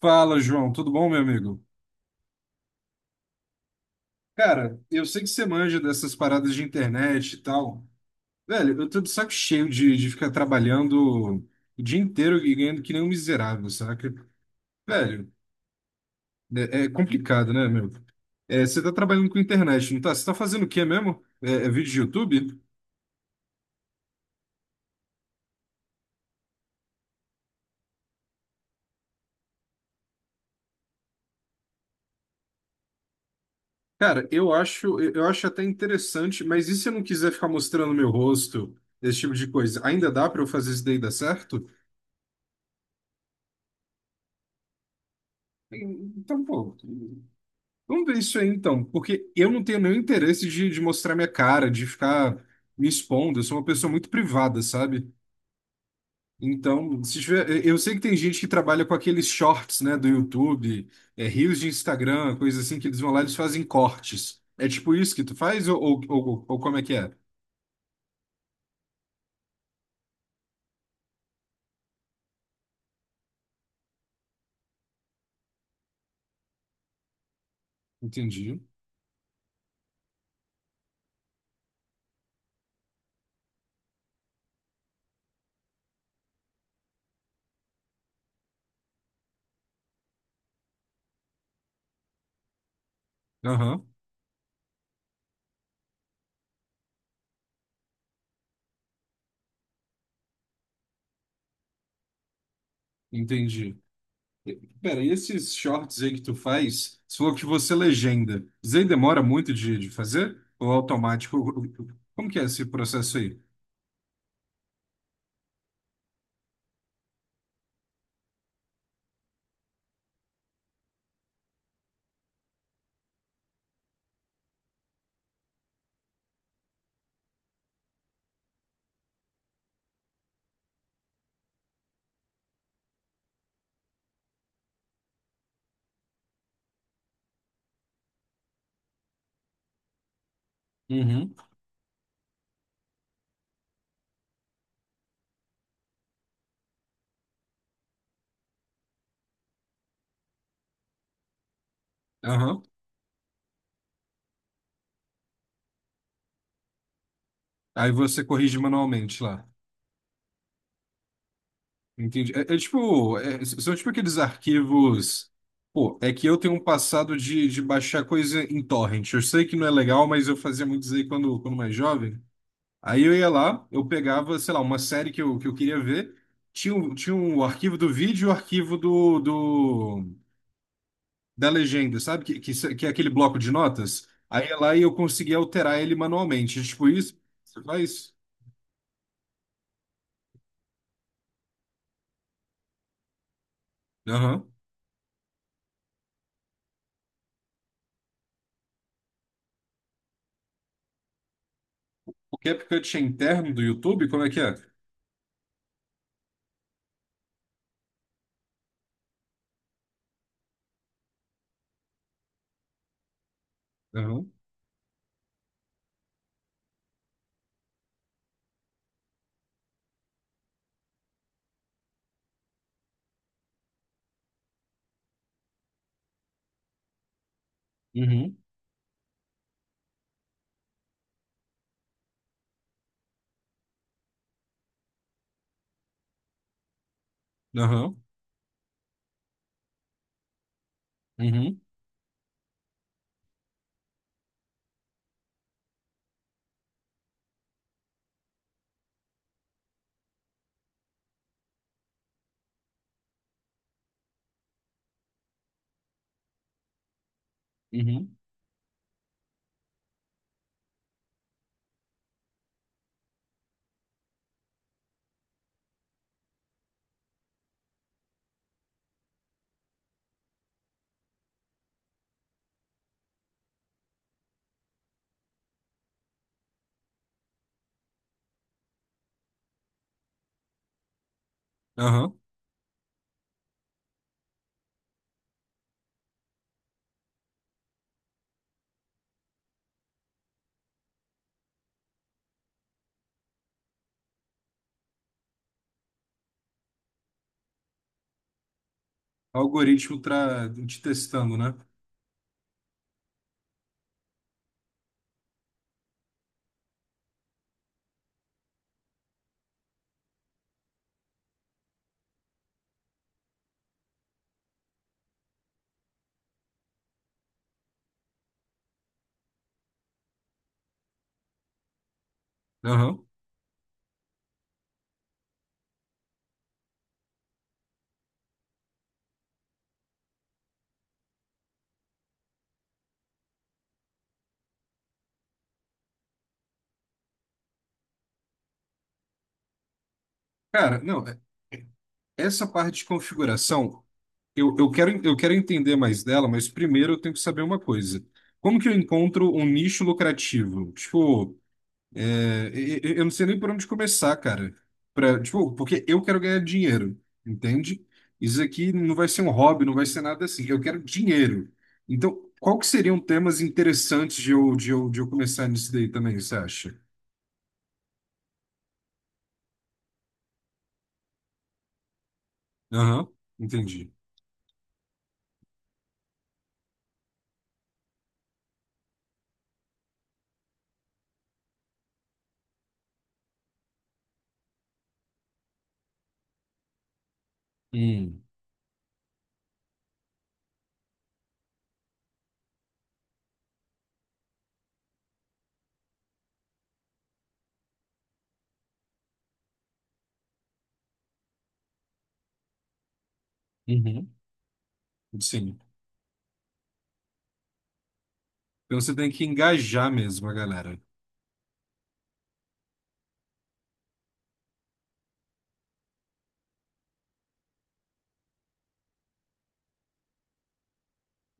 Fala, João, tudo bom, meu amigo? Cara, eu sei que você manja dessas paradas de internet e tal. Velho, eu tô de saco cheio de ficar trabalhando o dia inteiro e ganhando que nem um miserável, saca? Velho, é complicado, né, meu? É, você tá trabalhando com internet, não tá? Você tá fazendo o quê mesmo? É vídeo de YouTube? Cara, eu acho, eu acho até interessante, mas e se eu não quiser ficar mostrando meu rosto, esse tipo de coisa? Ainda dá pra eu fazer isso daí dar certo? Então, pô. Vamos ver isso aí então, porque eu não tenho nenhum interesse de mostrar minha cara, de ficar me expondo. Eu sou uma pessoa muito privada, sabe? Então, se tiver, eu sei que tem gente que trabalha com aqueles shorts, né, do YouTube, é, reels de Instagram, coisa assim, que eles vão lá e eles fazem cortes. É tipo isso que tu faz ou como é que é? Entendi. Aham, entendi. Pera, e esses shorts aí que tu faz, você falou que você é legenda. Isso aí demora muito de fazer? Ou é automático? Como que é esse processo aí? Uhum. Aham. Aí você corrige manualmente lá. Entendi. É tipo, são tipo aqueles arquivos. Pô, é que eu tenho um passado de baixar coisa em torrent. Eu sei que não é legal, mas eu fazia muito isso aí quando mais jovem. Aí eu ia lá, eu pegava, sei lá, uma série que eu queria ver. Tinha, tinha um arquivo do vídeo e o arquivo do da legenda, sabe? Que é aquele bloco de notas. Aí ia lá e eu conseguia alterar ele manualmente. Tipo isso? Você faz? Aham. CapCut é interno do YouTube? Como é que é? Aham, uhum, aham, uhum, uhum, aham. Algoritmo tra... te testando, né? Aham. Cara, não, é, essa parte de configuração, eu quero entender mais dela, mas primeiro eu tenho que saber uma coisa. Como que eu encontro um nicho lucrativo? Tipo, é, eu não sei nem por onde começar, cara. Pra, tipo, porque eu quero ganhar dinheiro, entende? Isso aqui não vai ser um hobby, não vai ser nada assim. Eu quero dinheiro. Então, qual que seriam temas interessantes de eu começar nisso daí também, você acha? Aham, entendi. Hum, uhum. Sim. Então você tem que engajar mesmo a galera.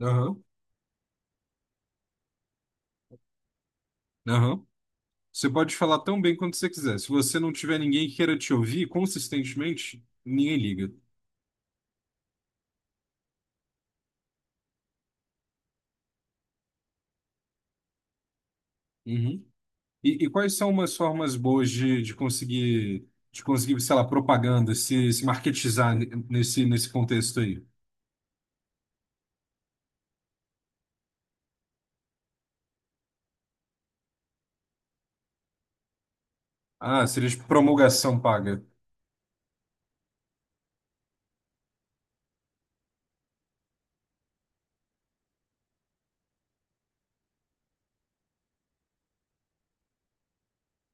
Aham, aham. Você pode falar tão bem quanto você quiser. Se você não tiver ninguém que queira te ouvir consistentemente, ninguém liga. Uhum. E quais são umas formas boas de conseguir, sei lá, propaganda, se marketizar nesse, nesse contexto aí? Ah, seria de promulgação paga.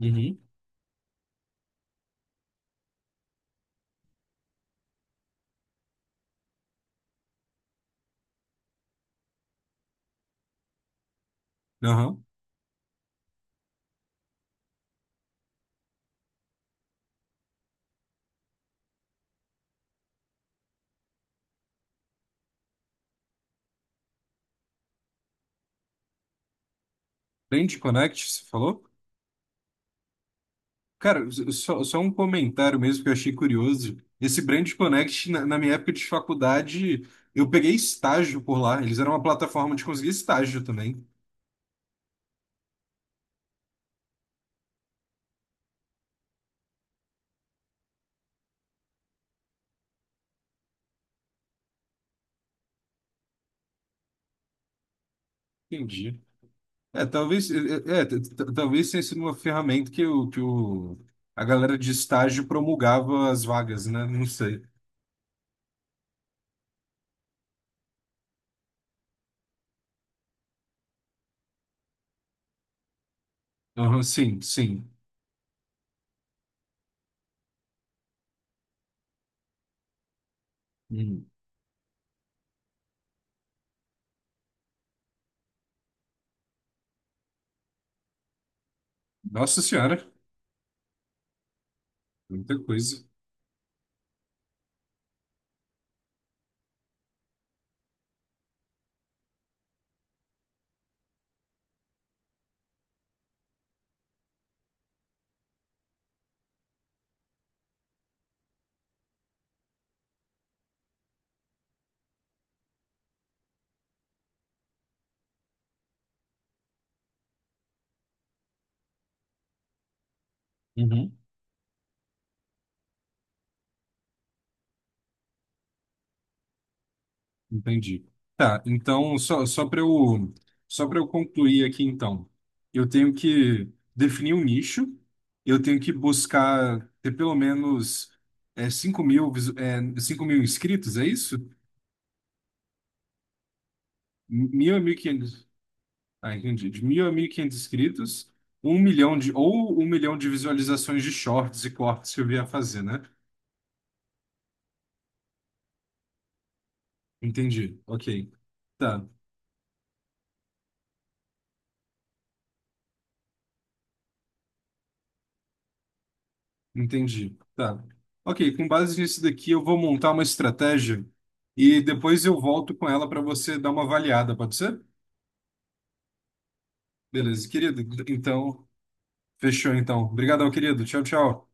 Uhum. Aham. Brand Connect, você falou? Cara, só um comentário mesmo que eu achei curioso. Esse Brand Connect, na minha época de faculdade, eu peguei estágio por lá. Eles eram uma plataforma de conseguir estágio também. Entendi. É, talvez, é, é, é, t- t- talvez tenha sido uma ferramenta que o, a galera de estágio promulgava as vagas, né? Não sei. Aham, sim, sim. Hum. Nossa Senhora, muita coisa. Uhum. Entendi. Tá, então, só para só para eu concluir aqui, então, eu tenho que definir um nicho, eu tenho que buscar ter pelo menos 5 mil, 5 mil inscritos, é isso? Mil a 1.500? Ah, entendi. De 1.000 a 1.500 inscritos, ou 1 milhão de visualizações de shorts e cortes que eu vier fazer, né? Entendi. Ok. Tá. Entendi. Tá. Ok, com base nisso daqui, eu vou montar uma estratégia e depois eu volto com ela para você dar uma avaliada, pode ser? Beleza, querido. Então, fechou então. Obrigadão, querido. Tchau, tchau.